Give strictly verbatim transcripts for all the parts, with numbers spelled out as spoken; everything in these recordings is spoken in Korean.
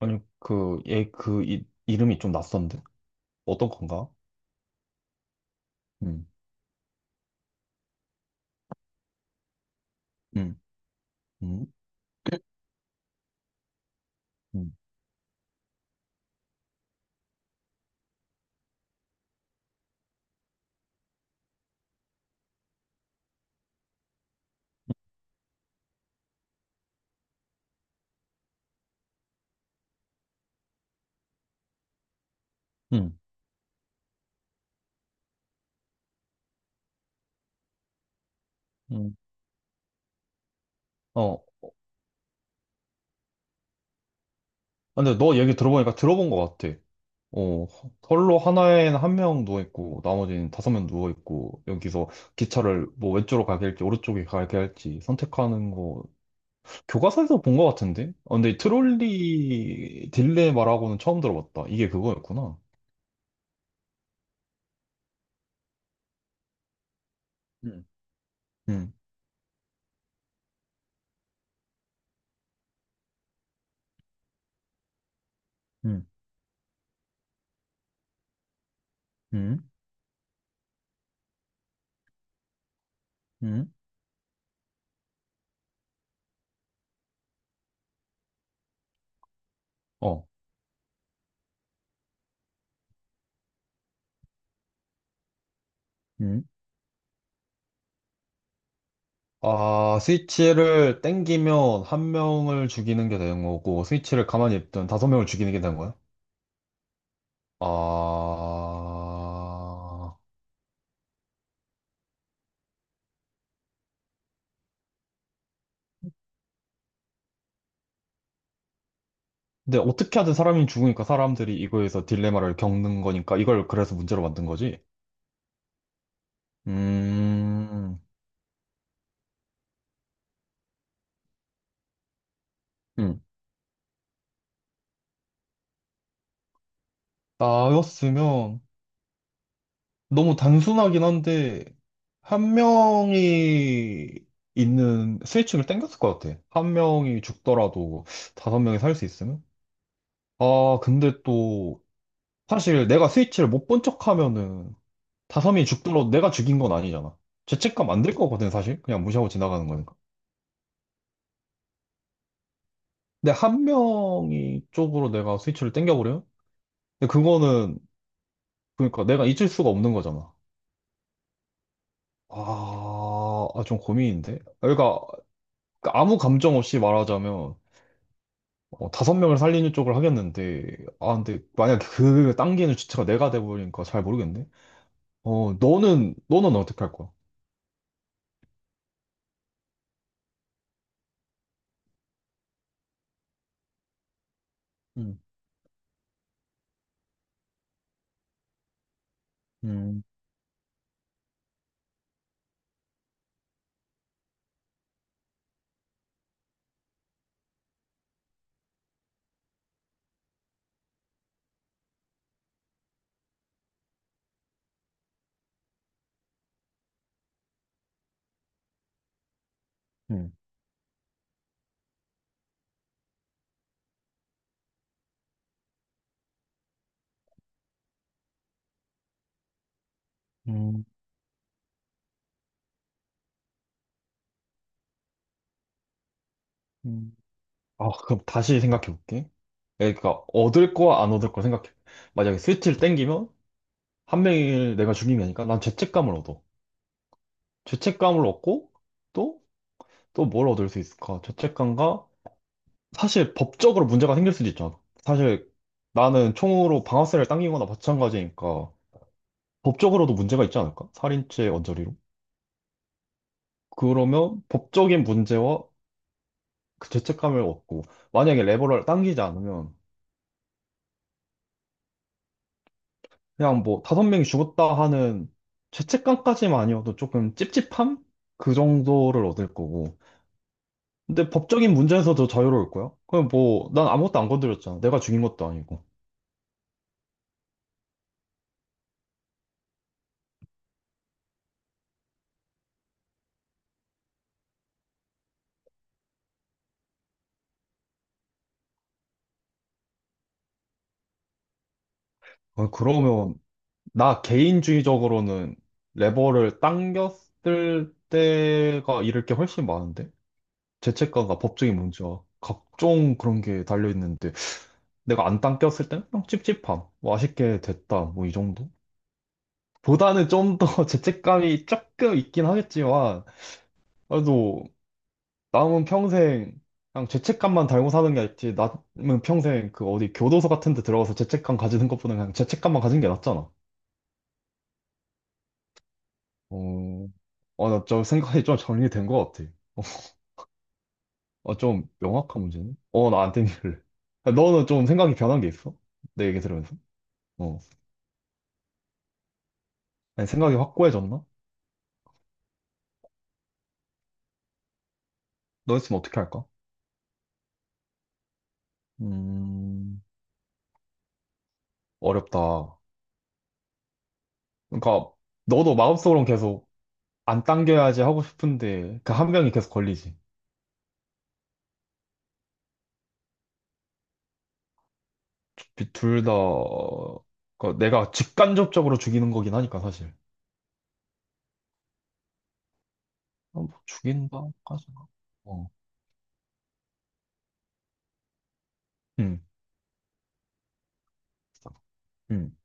아니, 그, 얘, 그, 이, 이름이 좀 낯선데? 어떤 건가? 음, 음, 음, 음, 음, 음. 어. 근데 너 얘기 들어보니까 들어본 것 같아. 어, 선로 하나에는 한 명 누워있고, 나머지는 다섯 명 누워있고, 여기서 기차를 뭐 왼쪽으로 가게 할지, 오른쪽에 가게 할지 선택하는 거, 교과서에서 본 것 같은데? 어, 근데 트롤리 딜레마라고는 처음 들어봤다. 이게 그거였구나. 음. 음, 음, 음, 음, 어. 음. 아, 스위치를 땡기면 한 명을 죽이는 게 되는 거고, 스위치를 가만히 있든 다섯 명을 죽이는 게 되는 거야? 아, 근데 어떻게 하든 사람이 죽으니까 사람들이 이거에서 딜레마를 겪는 거니까 이걸 그래서 문제로 만든 거지? 음, 음. 나였으면 너무 단순하긴 한데, 한 명이 있는 스위치를 땡겼을 것 같아. 한 명이 죽더라도 다섯 명이 살 수 있으면? 아, 근데 또 사실 내가 스위치를 못 본 척하면은 다섬이 죽더라도 내가 죽인 건 아니잖아. 죄책감 안 들 거거든 사실. 그냥 무시하고 지나가는 거니까. 근데 한 명이 쪽으로 내가 스위치를 당겨버려요 근데 그거는 그러니까 내가 잊을 수가 없는 거잖아. 아, 아, 좀 고민인데. 그러니까 아무 감정 없이 말하자면 어, 다섯 명을 살리는 쪽을 하겠는데 아 근데 만약 그 당기는 주체가 내가 돼버리니까 잘 모르겠네. 어 너는 너는 어떻게 할 거야? 음, 음, 음, 음, 음. 아, 그럼 다시 생각해 볼게. 그러니까 얻을 거와 안 얻을 거 생각해. 만약에 스위치를 땡기면 한 명을 내가 죽인 게 아니니까 난 죄책감을 얻어. 죄책감을 얻고 또 또 뭘 얻을 수 있을까? 죄책감과 사실 법적으로 문제가 생길 수도 있잖아. 사실 나는 총으로 방아쇠를 당기거나 마찬가지니까 법적으로도 문제가 있지 않을까? 살인죄 언저리로. 그러면 법적인 문제와 그 죄책감을 얻고 만약에 레버를 당기지 않으면 그냥 뭐 다섯 명이 죽었다 하는 죄책감까지만 아니어도 조금 찝찝함? 그 정도를 얻을 거고. 근데 법적인 문제에서도 자유로울 거야? 그럼 뭐, 난 아무것도 안 건드렸잖아. 내가 죽인 것도 아니고. 어, 그러면, 나 개인주의적으로는 레버를 당겼을 때가 잃을 게 훨씬 많은데? 죄책감과 법적인 문제와 각종 그런 게 달려있는데, 내가 안 당겼을 땐 그냥 찝찝함. 뭐 아쉽게 됐다. 뭐 이 정도? 보다는 좀 더 죄책감이 조금 있긴 하겠지만, 그래도 남은 평생 그냥 죄책감만 달고 사는 게 낫지. 남은 평생 그 어디 교도소 같은 데 들어가서 죄책감 가지는 것보다 그냥 죄책감만 가진 게 낫잖아. 어, 어, 나좀 생각이 좀 정리된 것 같아. 어, 좀 명확한 문제네. 어, 나 안 땡길래. 너는 좀 생각이 변한 게 있어? 내 얘기 들으면서? 어. 아니, 생각이 확고해졌나? 너 있으면 어떻게 할까? 음, 어렵다. 그러니까, 너도 마음속으로는 계속 안 당겨야지 하고 싶은데 그 한 명이 계속 걸리지. 둘다 내가 직간접적으로 죽이는 거긴 하니까 사실. 아, 뭐 죽인다까지는. 어. 음. 음.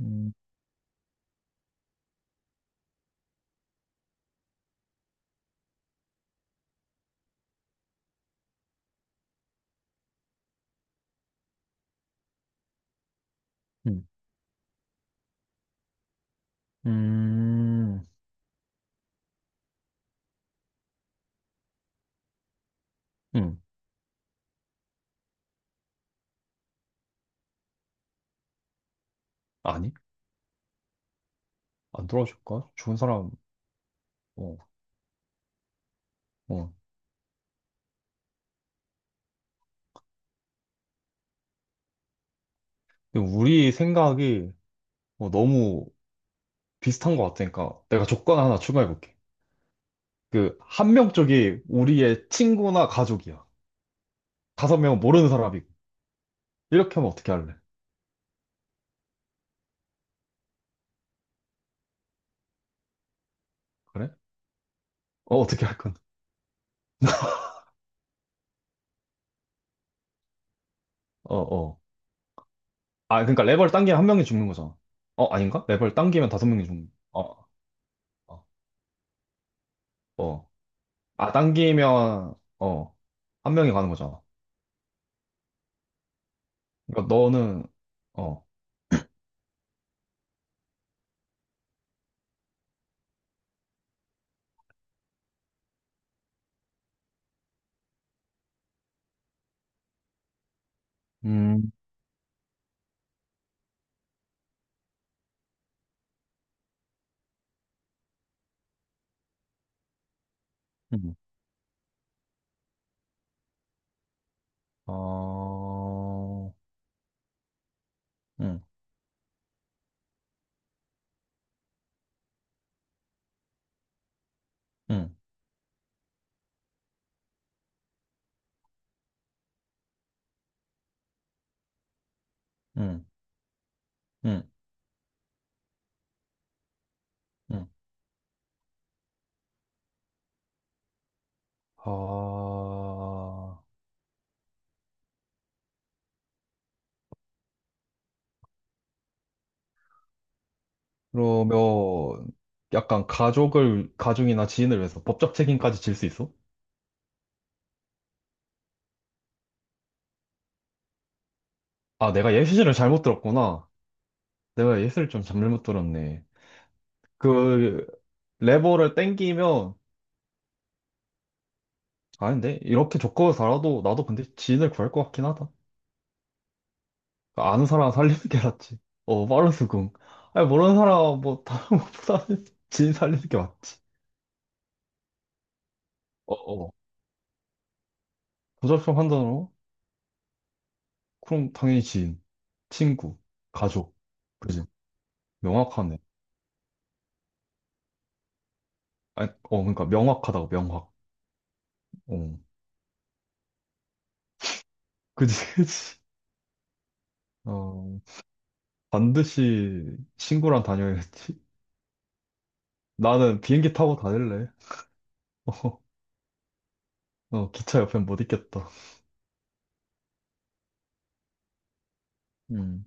음. 음. 음. 음. 아니? 안 돌아줄까? 죽은 사람. 어. 어. 근데 우리 생각이 어, 너무 비슷한 것 같으니까 내가 조건 하나 추가해 볼게. 그 한 명 쪽이 우리의 친구나 가족이야. 다섯 명은 모르는 사람이고. 이렇게 하면 어떻게 할래? 그래? 어, 어떻게 할 건? 어, 어. 아, 그러니까 레버를 당기면 한 명이 죽는 거잖아. 어, 아닌가? 레버를 당기면 다섯 명이 죽는 어, 어, 어. 아, 당기면, 어, 한 명이 가는 거잖아. 그러니까 너는, 어, 음, 음, 어, 음, 음, 음, 음, 음. 아, 그러면 약간 가족을, 가족이나 지인을 위해서 법적 책임까지 질 수 있어? 아, 내가 예시를 잘못 들었구나. 내가 예시를 좀 잘못 들었네. 그 레버를 땡기면 아닌데 이렇게 조건을 달아도 나도 근데 지인을 구할 것 같긴 하다. 그러니까 아는 사람 살리는 게 낫지. 어 빠른 수긍. 아니 모르는 사람 뭐 다른 것보다는 지인 살리는 게 맞지. 어어. 조작적 판단으로 그럼 당연히 지인, 친구, 가족. 그지? 명확하네. 아니 어 그러니까 명확하다고 명확. 어 그지 그지. 어 반드시 친구랑 다녀야겠지. 나는 비행기 타고 다닐래. 어, 어 기차 옆엔 못 있겠다. 음.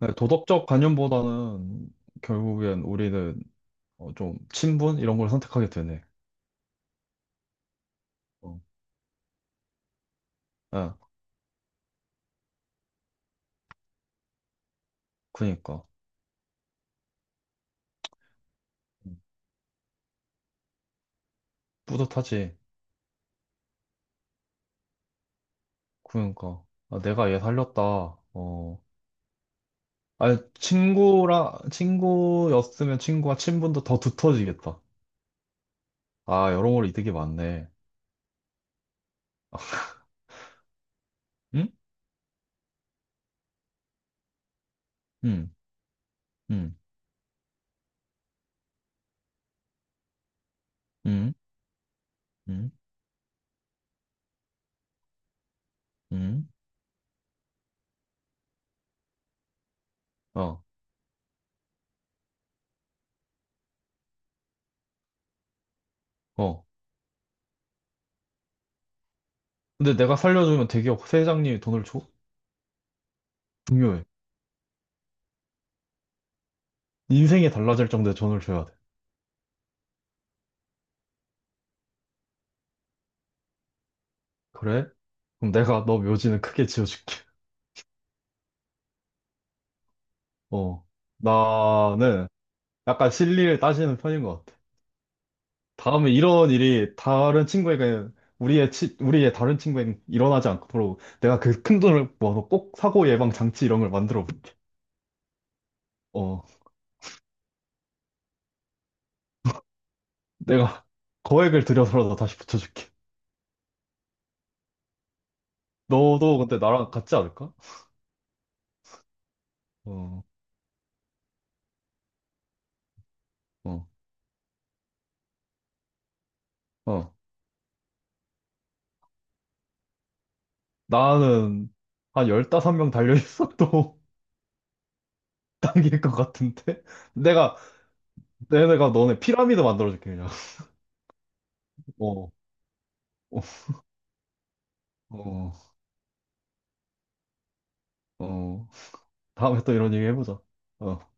네, 도덕적 관념보다는 결국엔 우리는 어, 좀 친분 이런 걸 선택하게 되네. 어. 예, 그니까 음, 뿌듯하지. 그니까 아, 내가 얘 살렸다. 어, 아니 친구라 친구였으면 친구와 친분도 더 두터워지겠다. 아 여러모로 이득이 많네. 응? 응, 응, 응, 응, 응. 어, 어. 근데 내가 살려주면 대기업 회장님이 돈을 줘? 중요해. 인생이 달라질 정도의 돈을 줘야 돼. 그래? 그럼 내가 너 묘지는 크게 지어줄게. 어, 나는 약간 실리를 따지는 편인 것 같아. 다음에 이런 일이 다른 친구에게, 우리의, 치, 우리의 다른 친구에게 일어나지 않도록 내가 그 큰 돈을 모아서 꼭 사고 예방 장치 이런 걸 만들어 볼게. 어, 내가 거액을 들여서라도 다시 붙여줄게. 너도 근데 나랑 같지 않을까? 어, 어, 어. 나는 한열다섯 명 달려있어도 당길 것 같은데? 내가, 내가 너네 피라미드 만들어줄게, 그냥. 어. 어, 어, 어. 다음에 또 이런 얘기 해보자. 어.